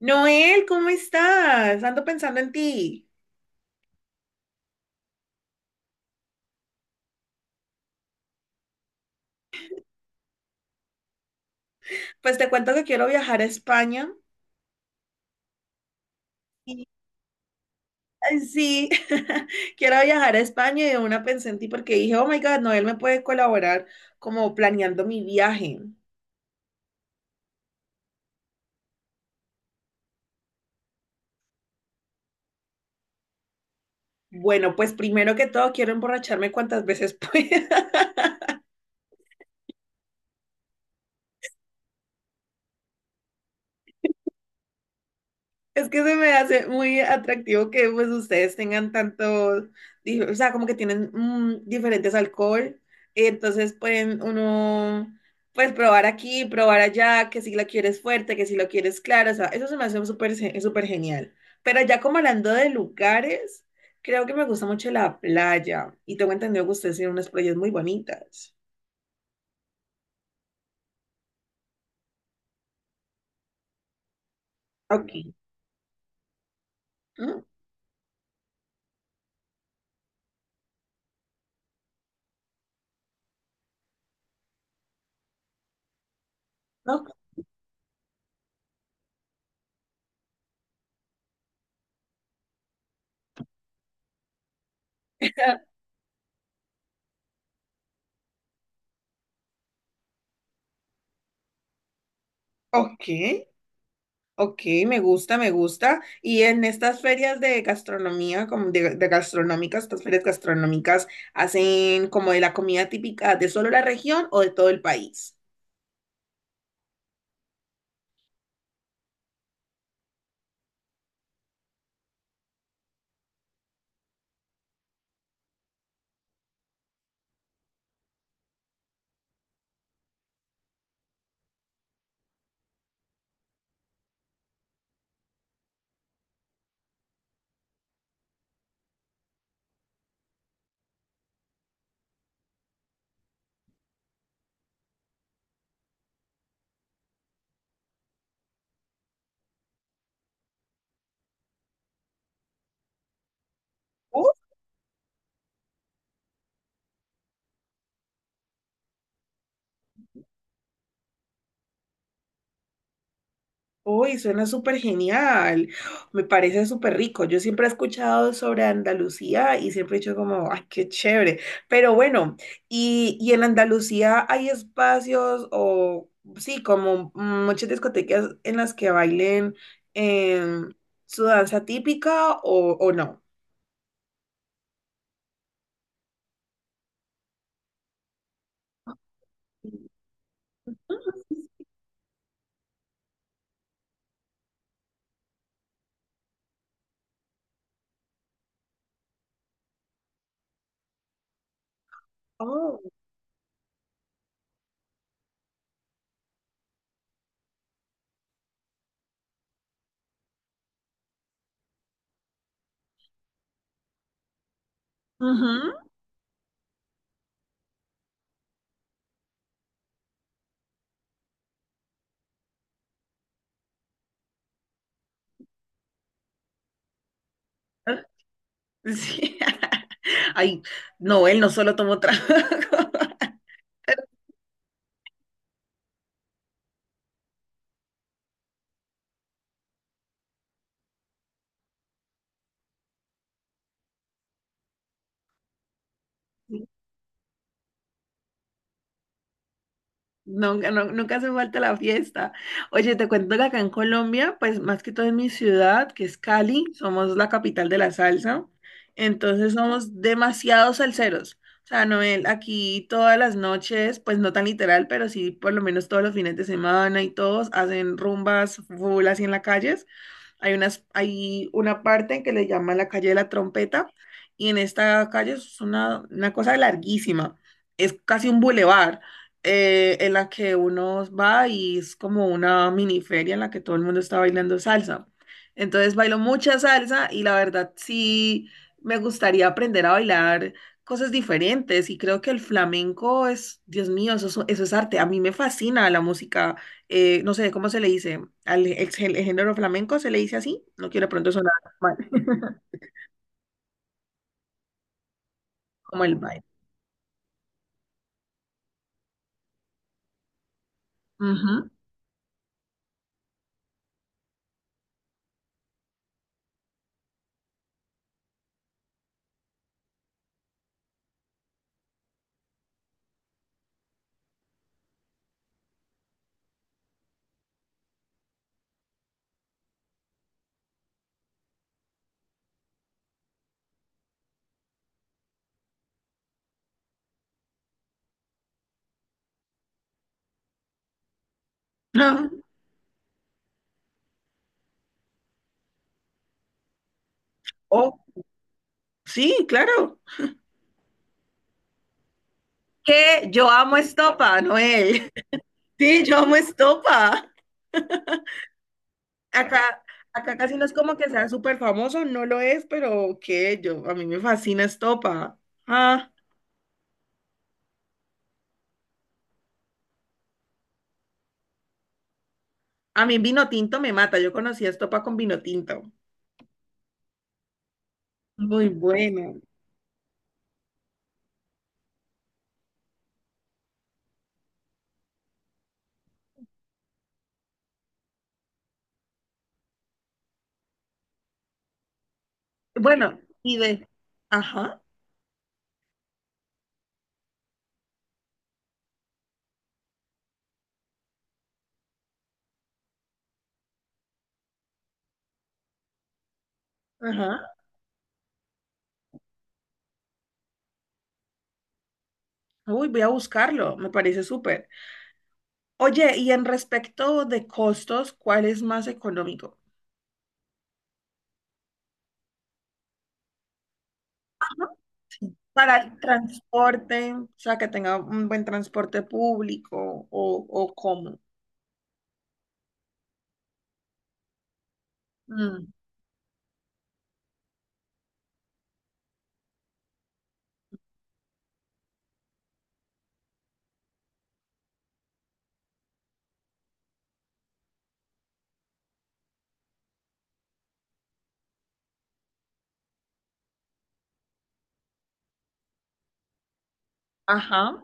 Noel, ¿cómo estás? Ando pensando en ti. Pues te cuento que quiero viajar a España. Y- Ay, sí, quiero viajar a España y de una pensé en ti porque dije, oh my God, Noel me puede colaborar como planeando mi viaje. Bueno, pues primero que todo quiero emborracharme cuantas veces pueda. Es que se me hace muy atractivo que pues ustedes tengan tanto, o sea, como que tienen diferentes alcohol, entonces pueden uno, pues probar aquí, probar allá, que si la quieres fuerte, que si lo quieres claro, o sea, eso se me hace súper genial. Pero ya como hablando de lugares, creo que me gusta mucho la playa y tengo entendido que ustedes tienen unas playas muy bonitas. Ok. Mm, ok. Ok. Ok, me gusta, me gusta. Y en estas ferias de gastronomía, como de gastronómicas, estas ferias gastronómicas, ¿hacen como de la comida típica de solo la región o de todo el país? Uy, suena súper genial. Me parece súper rico. Yo siempre he escuchado sobre Andalucía y siempre he dicho como, ay, qué chévere. Pero bueno, ¿y en Andalucía hay espacios o sí, como muchas discotecas en las que bailen em, su danza típica o no? Oh. Ujú. Sí. Ay, no, él no solo tomó trago. Nunca hace falta la fiesta. Oye, te cuento que acá en Colombia, pues más que todo en mi ciudad, que es Cali, somos la capital de la salsa, entonces somos demasiados salseros. O sea, Noel, aquí todas las noches, pues no tan literal, pero sí por lo menos todos los fines de semana y todos hacen rumbas full así en las calles. Hay una parte en que le llaman la calle de la trompeta y en esta calle es una cosa larguísima, es casi un bulevar en la que uno va y es como una mini feria en la que todo el mundo está bailando salsa. Entonces bailo mucha salsa y la verdad sí me gustaría aprender a bailar cosas diferentes y creo que el flamenco es, Dios mío, eso, eso es arte. A mí me fascina la música, no sé, ¿cómo se le dice? El género flamenco se le dice así. No quiero de pronto sonar mal, como el baile. Ujú. Ah, oh, sí, claro. Que yo amo estopa, Noel. Sí, yo amo estopa. Acá, acá casi no es como que sea súper famoso, no lo es, pero que yo, a mí me fascina estopa. Ah, a mí vino tinto me mata. Yo conocí estopa con vino tinto. Muy bueno. Bueno, y de. Ajá, ajá. Uy, voy a buscarlo, me parece súper. Oye, y en respecto de costos, ¿cuál es más económico? Para el transporte, o sea, que tenga un buen transporte público o cómo. Mm, ajá.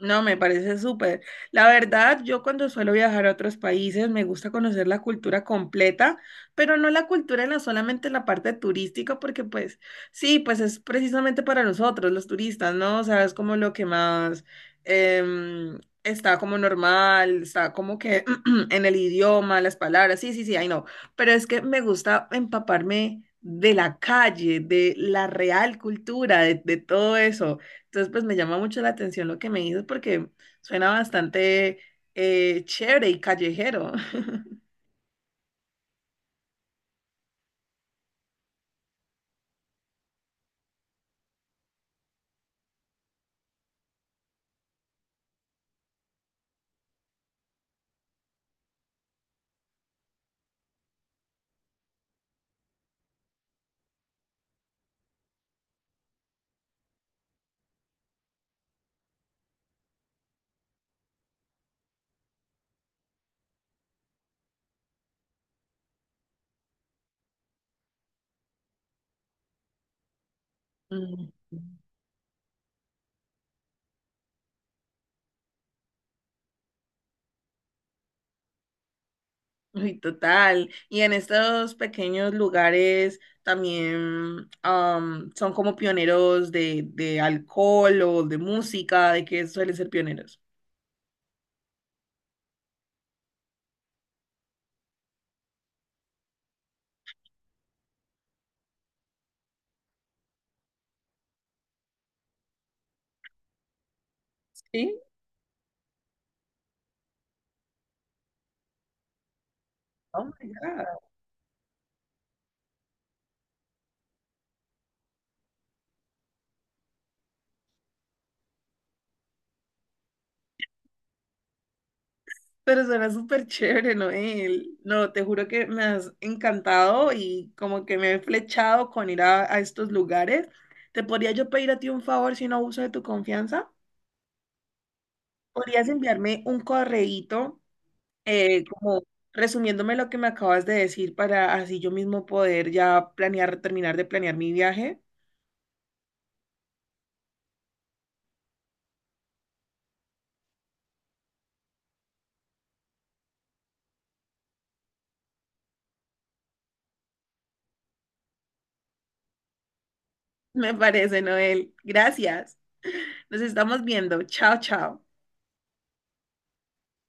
No, me parece súper. La verdad, yo cuando suelo viajar a otros países me gusta conocer la cultura completa, pero no la cultura en la solamente la parte turística, porque pues sí, pues es precisamente para nosotros, los turistas, ¿no? O sea, es como lo que más está como normal, está como que en el idioma, las palabras, sí, sí, sí, ay no, pero es que me gusta empaparme de la calle, de la real cultura, de todo eso. Entonces, pues me llama mucho la atención lo que me dices porque suena bastante chévere y callejero. Mm. Uy, total. Y en estos pequeños lugares también son como pioneros de alcohol o de música, ¿de qué suelen ser pioneros? Sí, oh my God. Pero suena súper chévere, Noel. No, te juro que me has encantado y como que me he flechado con ir a estos lugares. ¿Te podría yo pedir a ti un favor si no abuso de tu confianza? ¿Podrías enviarme un correíto como resumiéndome lo que me acabas de decir para así yo mismo poder ya planear, terminar de planear mi viaje? Me parece, Noel. Gracias. Nos estamos viendo. Chao, chao.